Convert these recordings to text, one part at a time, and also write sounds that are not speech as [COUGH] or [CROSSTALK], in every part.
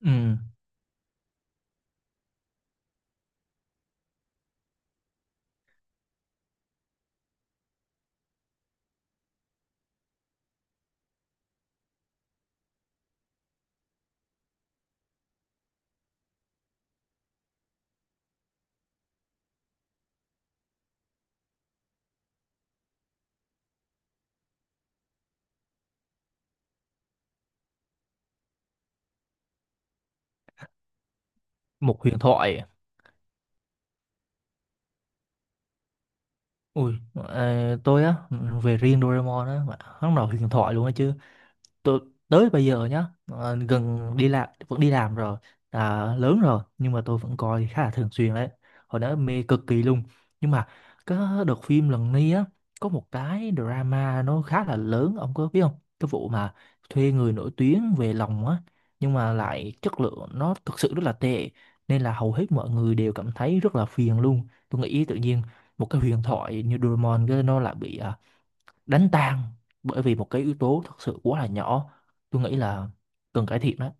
Ừ, một huyền thoại. Ui, tôi á, về riêng Doraemon á, mà hắn là huyền thoại luôn á chứ. Tôi tới bây giờ nhá gần đi làm vẫn đi làm rồi, à, lớn rồi nhưng mà tôi vẫn coi khá là thường xuyên đấy. Hồi đó mê cực kỳ luôn, nhưng mà cái đợt phim lần này á có một cái drama nó khá là lớn, ông có biết không, cái vụ mà thuê người nổi tiếng về lòng á, nhưng mà lại chất lượng nó thực sự rất là tệ, nên là hầu hết mọi người đều cảm thấy rất là phiền luôn. Tôi nghĩ tự nhiên một cái huyền thoại như Doraemon cái nó lại bị đánh tan bởi vì một cái yếu tố thật sự quá là nhỏ. Tôi nghĩ là cần cải thiện đó.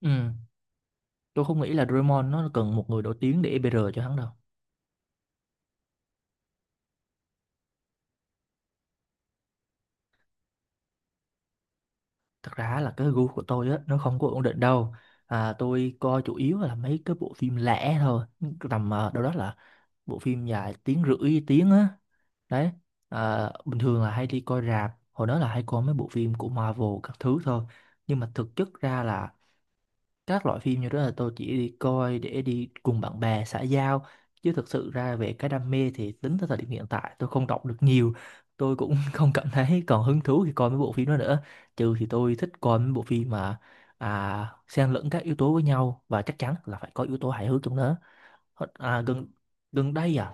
Ừ. Tôi không nghĩ là Draymond nó cần một người nổi tiếng để EBR cho hắn đâu. Thật ra là cái gu của tôi á nó không có ổn định đâu. À, tôi coi chủ yếu là mấy cái bộ phim lẻ thôi, tầm đâu đó là bộ phim dài tiếng rưỡi tiếng á, đấy. À, bình thường là hay đi coi rạp, hồi đó là hay coi mấy bộ phim của Marvel các thứ thôi, nhưng mà thực chất ra là các loại phim như đó là tôi chỉ đi coi để đi cùng bạn bè xã giao, chứ thực sự ra về cái đam mê thì tính tới thời điểm hiện tại tôi không đọc được nhiều. Tôi cũng [LAUGHS] không cảm thấy còn hứng thú khi coi mấy bộ phim đó nữa, trừ thì tôi thích coi mấy bộ phim mà xen lẫn các yếu tố với nhau và chắc chắn là phải có yếu tố hài hước trong đó. Hoặc- à, gần gần đây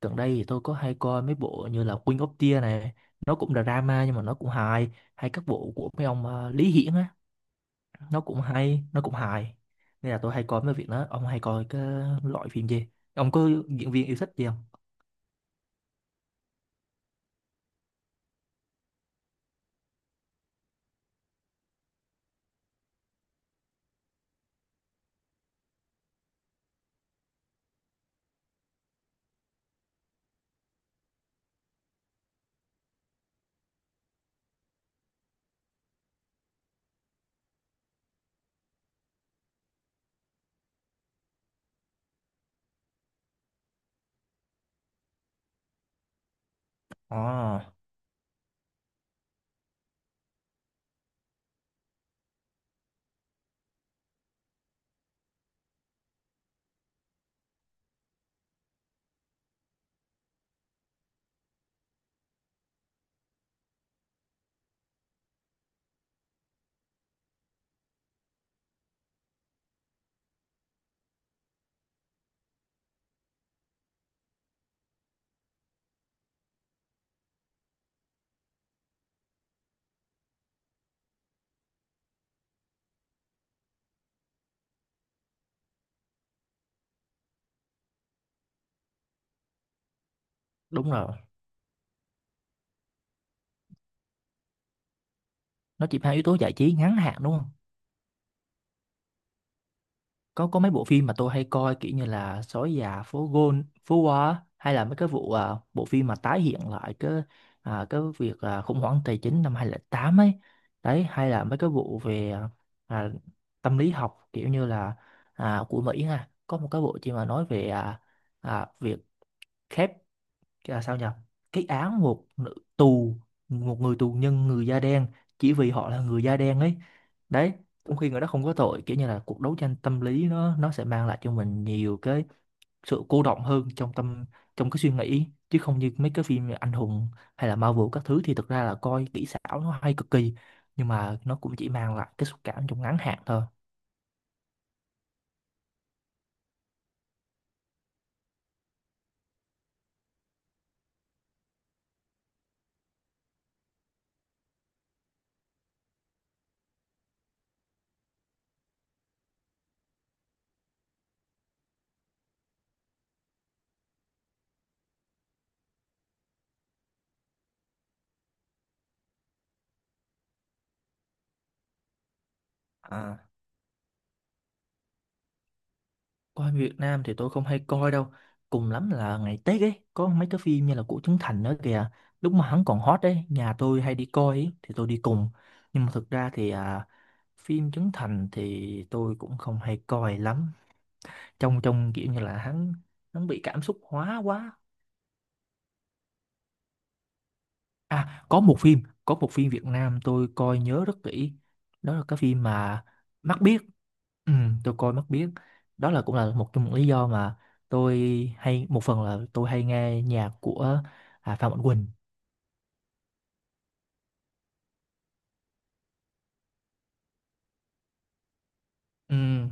gần đây thì tôi có hay coi mấy bộ như là Queen of Tears này, nó cũng drama nhưng mà nó cũng hài, hay các bộ của mấy ông Lý Hiển á, nó cũng hay nó cũng hài. Nên là tôi hay coi mấy việc đó. Ông hay coi cái loại phim gì, ông có diễn viên yêu thích gì không? Ồ, đúng rồi, nó chỉ mang yếu tố giải trí ngắn hạn đúng không. Có có mấy bộ phim mà tôi hay coi kiểu như là Sói già phố Gôn phố Hoa á, hay là mấy cái vụ bộ phim mà tái hiện lại cái cái việc khủng hoảng tài chính năm 2008 ấy, đấy, hay là mấy cái vụ về à, tâm lý học kiểu như là của Mỹ ha, có một cái bộ phim mà nói về việc khép, cái là sao nhỉ, cái án một nữ tù, một người tù nhân người da đen, chỉ vì họ là người da đen ấy, đấy, trong khi người đó không có tội, kiểu như là cuộc đấu tranh tâm lý nó sẽ mang lại cho mình nhiều cái sự cô động hơn trong tâm, trong cái suy nghĩ, chứ không như mấy cái phim anh hùng hay là Marvel các thứ thì thực ra là coi kỹ xảo nó hay cực kỳ, nhưng mà nó cũng chỉ mang lại cái xúc cảm trong ngắn hạn thôi. Coi Việt Nam thì tôi không hay coi đâu. Cùng lắm là ngày Tết ấy, có mấy cái phim như là của Trấn Thành nữa kìa. Lúc mà hắn còn hot ấy, nhà tôi hay đi coi ấy, thì tôi đi cùng. Nhưng mà thực ra thì phim Trấn Thành thì tôi cũng không hay coi lắm. Trong trong kiểu như là hắn hắn bị cảm xúc hóa quá. À, có một phim Việt Nam tôi coi nhớ rất kỹ. Đó là cái phim mà Mắt Biếc. Ừ, tôi coi Mắt Biếc. Đó là cũng là một trong những lý do mà tôi hay, một phần là tôi hay nghe nhạc của Phan Mạnh Quỳnh. Ừ.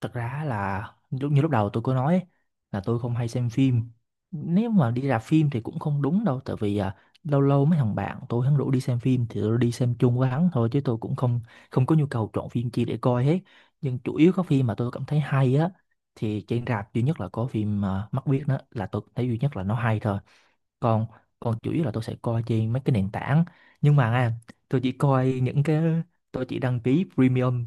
Thật ra là lúc đầu tôi có nói ấy, là tôi không hay xem phim, nếu mà đi rạp phim thì cũng không đúng đâu, tại vì lâu lâu mấy thằng bạn tôi hắn rủ đi xem phim thì tôi đi xem chung với hắn thôi, chứ tôi cũng không, không có nhu cầu chọn phim chi để coi hết, nhưng chủ yếu các phim mà tôi cảm thấy hay á thì trên rạp duy nhất là có phim Mắt Biếc, đó là tôi thấy duy nhất là nó hay thôi. Còn, còn chủ yếu là tôi sẽ coi trên mấy cái nền tảng, nhưng mà tôi chỉ coi những cái, tôi chỉ đăng ký premium.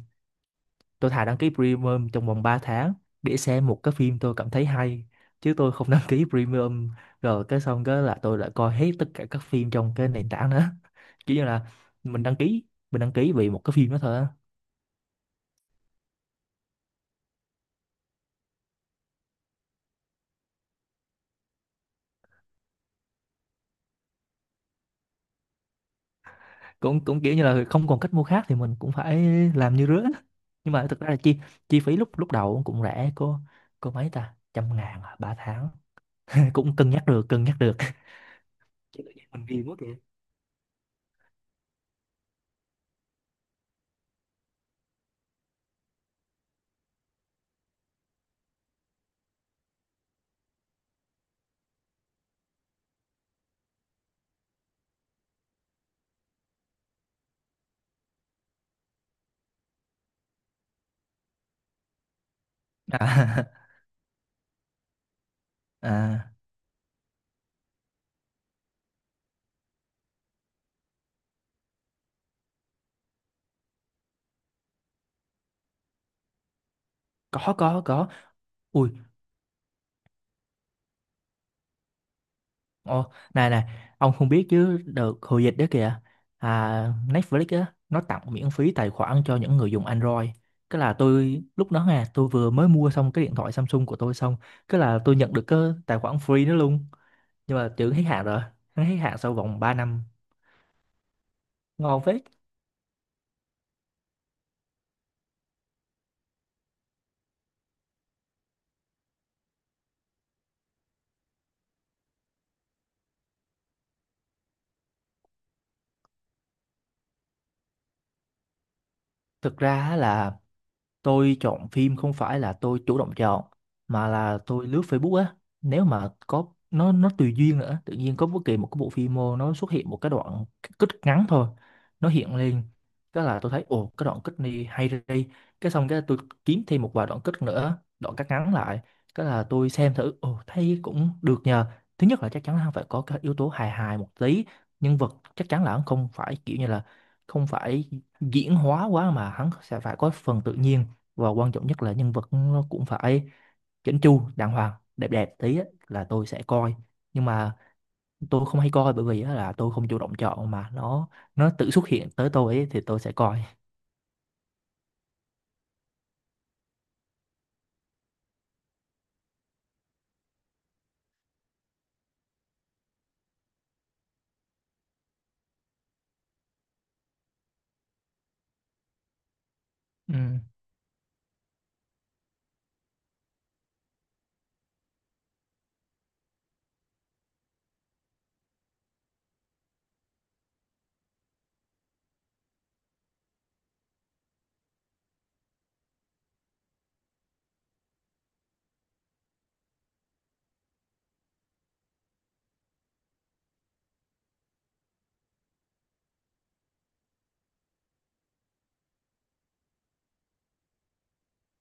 Tôi thà đăng ký premium trong vòng 3 tháng để xem một cái phim tôi cảm thấy hay, chứ tôi không [LAUGHS] đăng ký premium rồi cái xong cái là tôi lại coi hết tất cả các phim trong cái nền tảng đó, [LAUGHS] kiểu như là mình đăng ký, mình đăng ký vì một cái phim đó thôi á. Cũng cũng kiểu như là không còn cách mua khác thì mình cũng phải làm như rứa, [LAUGHS] nhưng mà thực ra là chi chi phí lúc lúc đầu cũng rẻ, có mấy ta trăm ngàn 3 tháng, [LAUGHS] cũng cân nhắc được, cân nhắc được. Chứ tự nhiên mình ghiền quá kìa. À, [LAUGHS] à, có Ui. Ồ, này này, ông không biết chứ đợt hồi dịch đó kìa, à, Netflix á, nó tặng miễn phí tài khoản cho những người dùng Android. Cái là tôi, lúc đó nè, tôi vừa mới mua xong cái điện thoại Samsung của tôi xong, cái là tôi nhận được cái tài khoản free đó luôn. Nhưng mà tưởng hết hạn rồi, nó hết hạn sau vòng 3 năm. Ngon phết. Thực ra á là tôi chọn phim không phải là tôi chủ động chọn, mà là tôi lướt Facebook á, nếu mà có nó tùy duyên nữa, tự nhiên có bất kỳ một cái bộ phim mô nó xuất hiện một cái đoạn cắt ngắn thôi, nó hiện lên cái là tôi thấy ồ cái đoạn cắt này hay đi, cái xong cái tôi kiếm thêm một vài đoạn cắt nữa, đoạn cắt ngắn lại, cái là tôi xem thử, ồ thấy cũng được nhờ. Thứ nhất là chắc chắn là phải có cái yếu tố hài hài một tí, nhân vật chắc chắn là không phải kiểu như là không phải diễn hóa quá mà hắn sẽ phải có phần tự nhiên, và quan trọng nhất là nhân vật nó cũng phải chỉnh chu đàng hoàng đẹp đẹp tí á, là tôi sẽ coi. Nhưng mà tôi không hay coi bởi vì á, là tôi không chủ động chọn mà nó tự xuất hiện tới tôi ấy, thì tôi sẽ coi. Ừ.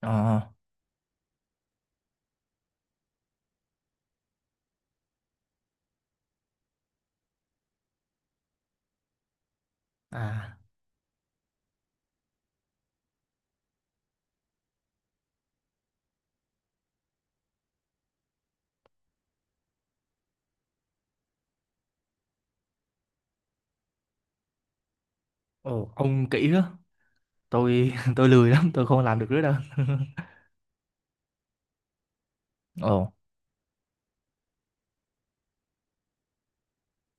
ờ à Ồ, ông kỹ đó. Tôi [LAUGHS] tôi lười lắm, tôi không làm được nữa đâu. Ồ.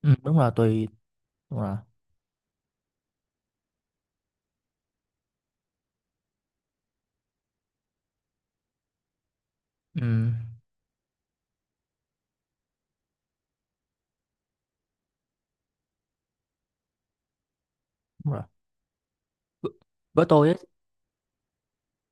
Ừ, đúng rồi, tôi đúng rồi. Ừ, đúng rồi. với với tôi á,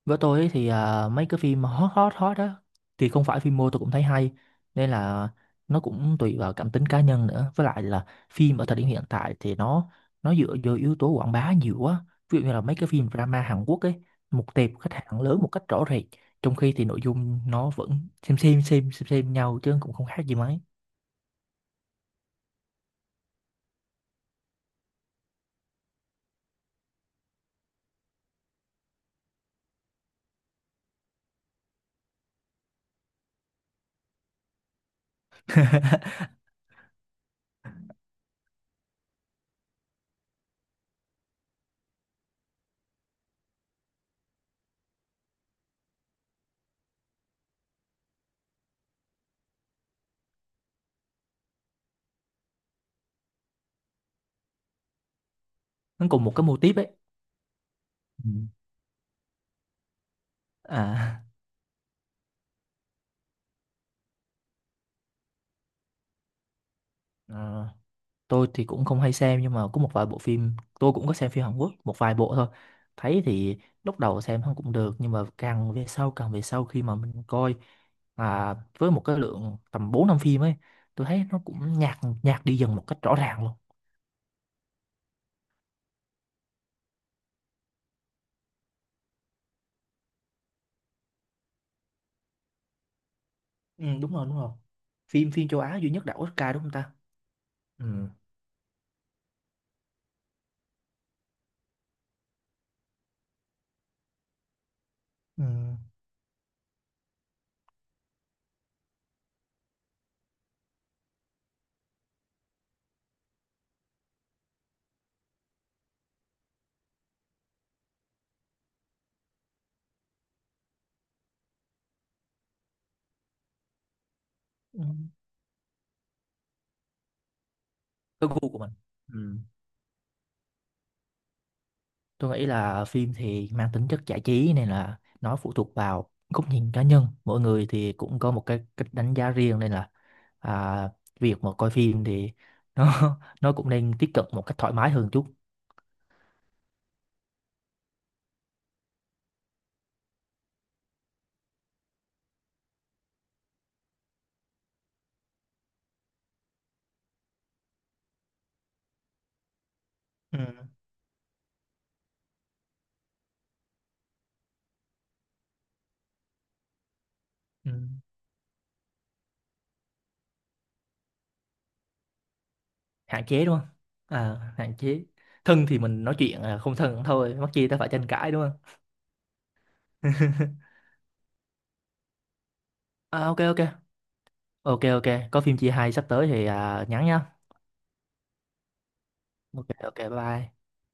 với tôi ấy thì mấy cái phim mà hot hot hot đó thì không phải phim mô tôi cũng thấy hay, nên là nó cũng tùy vào cảm tính cá nhân nữa, với lại là phim ở thời điểm hiện tại thì nó dựa vô yếu tố quảng bá nhiều quá, ví dụ như là mấy cái phim drama Hàn Quốc ấy, mục tiêu khách hàng lớn một cách rõ rệt, trong khi thì nội dung nó vẫn xem nhau chứ cũng không khác gì mấy, [LAUGHS] nó cùng một cái mô típ ấy. Ừ. à, à tôi thì cũng không hay xem, nhưng mà có một vài bộ phim, tôi cũng có xem phim Hàn Quốc một vài bộ thôi, thấy thì lúc đầu xem nó cũng được, nhưng mà càng về sau khi mà mình coi với một cái lượng tầm 4 5 phim ấy, tôi thấy nó cũng nhạt nhạt đi dần một cách rõ ràng luôn. Ừ, đúng rồi đúng rồi. Phim, phim châu Á duy nhất đạt Oscar đúng không ta. Ừ. Ừ. Ừ. Cái gu của mình. Ừ. Tôi nghĩ là phim thì mang tính chất giải trí, nên là nó phụ thuộc vào góc nhìn cá nhân mỗi người thì cũng có một cái cách đánh giá riêng, nên là à, việc mà coi phim thì nó [LAUGHS] nó cũng nên tiếp cận một cách thoải mái hơn chút. Ừ. Ừ. Hạn chế đúng không. À, hạn chế, thân thì mình nói chuyện, không thân cũng thôi mắc chi ta phải tranh cãi đúng không. [LAUGHS] À, ok ok, ok ok, có phim chia hai sắp tới thì nhắn nhá. Ok ok, bye bye.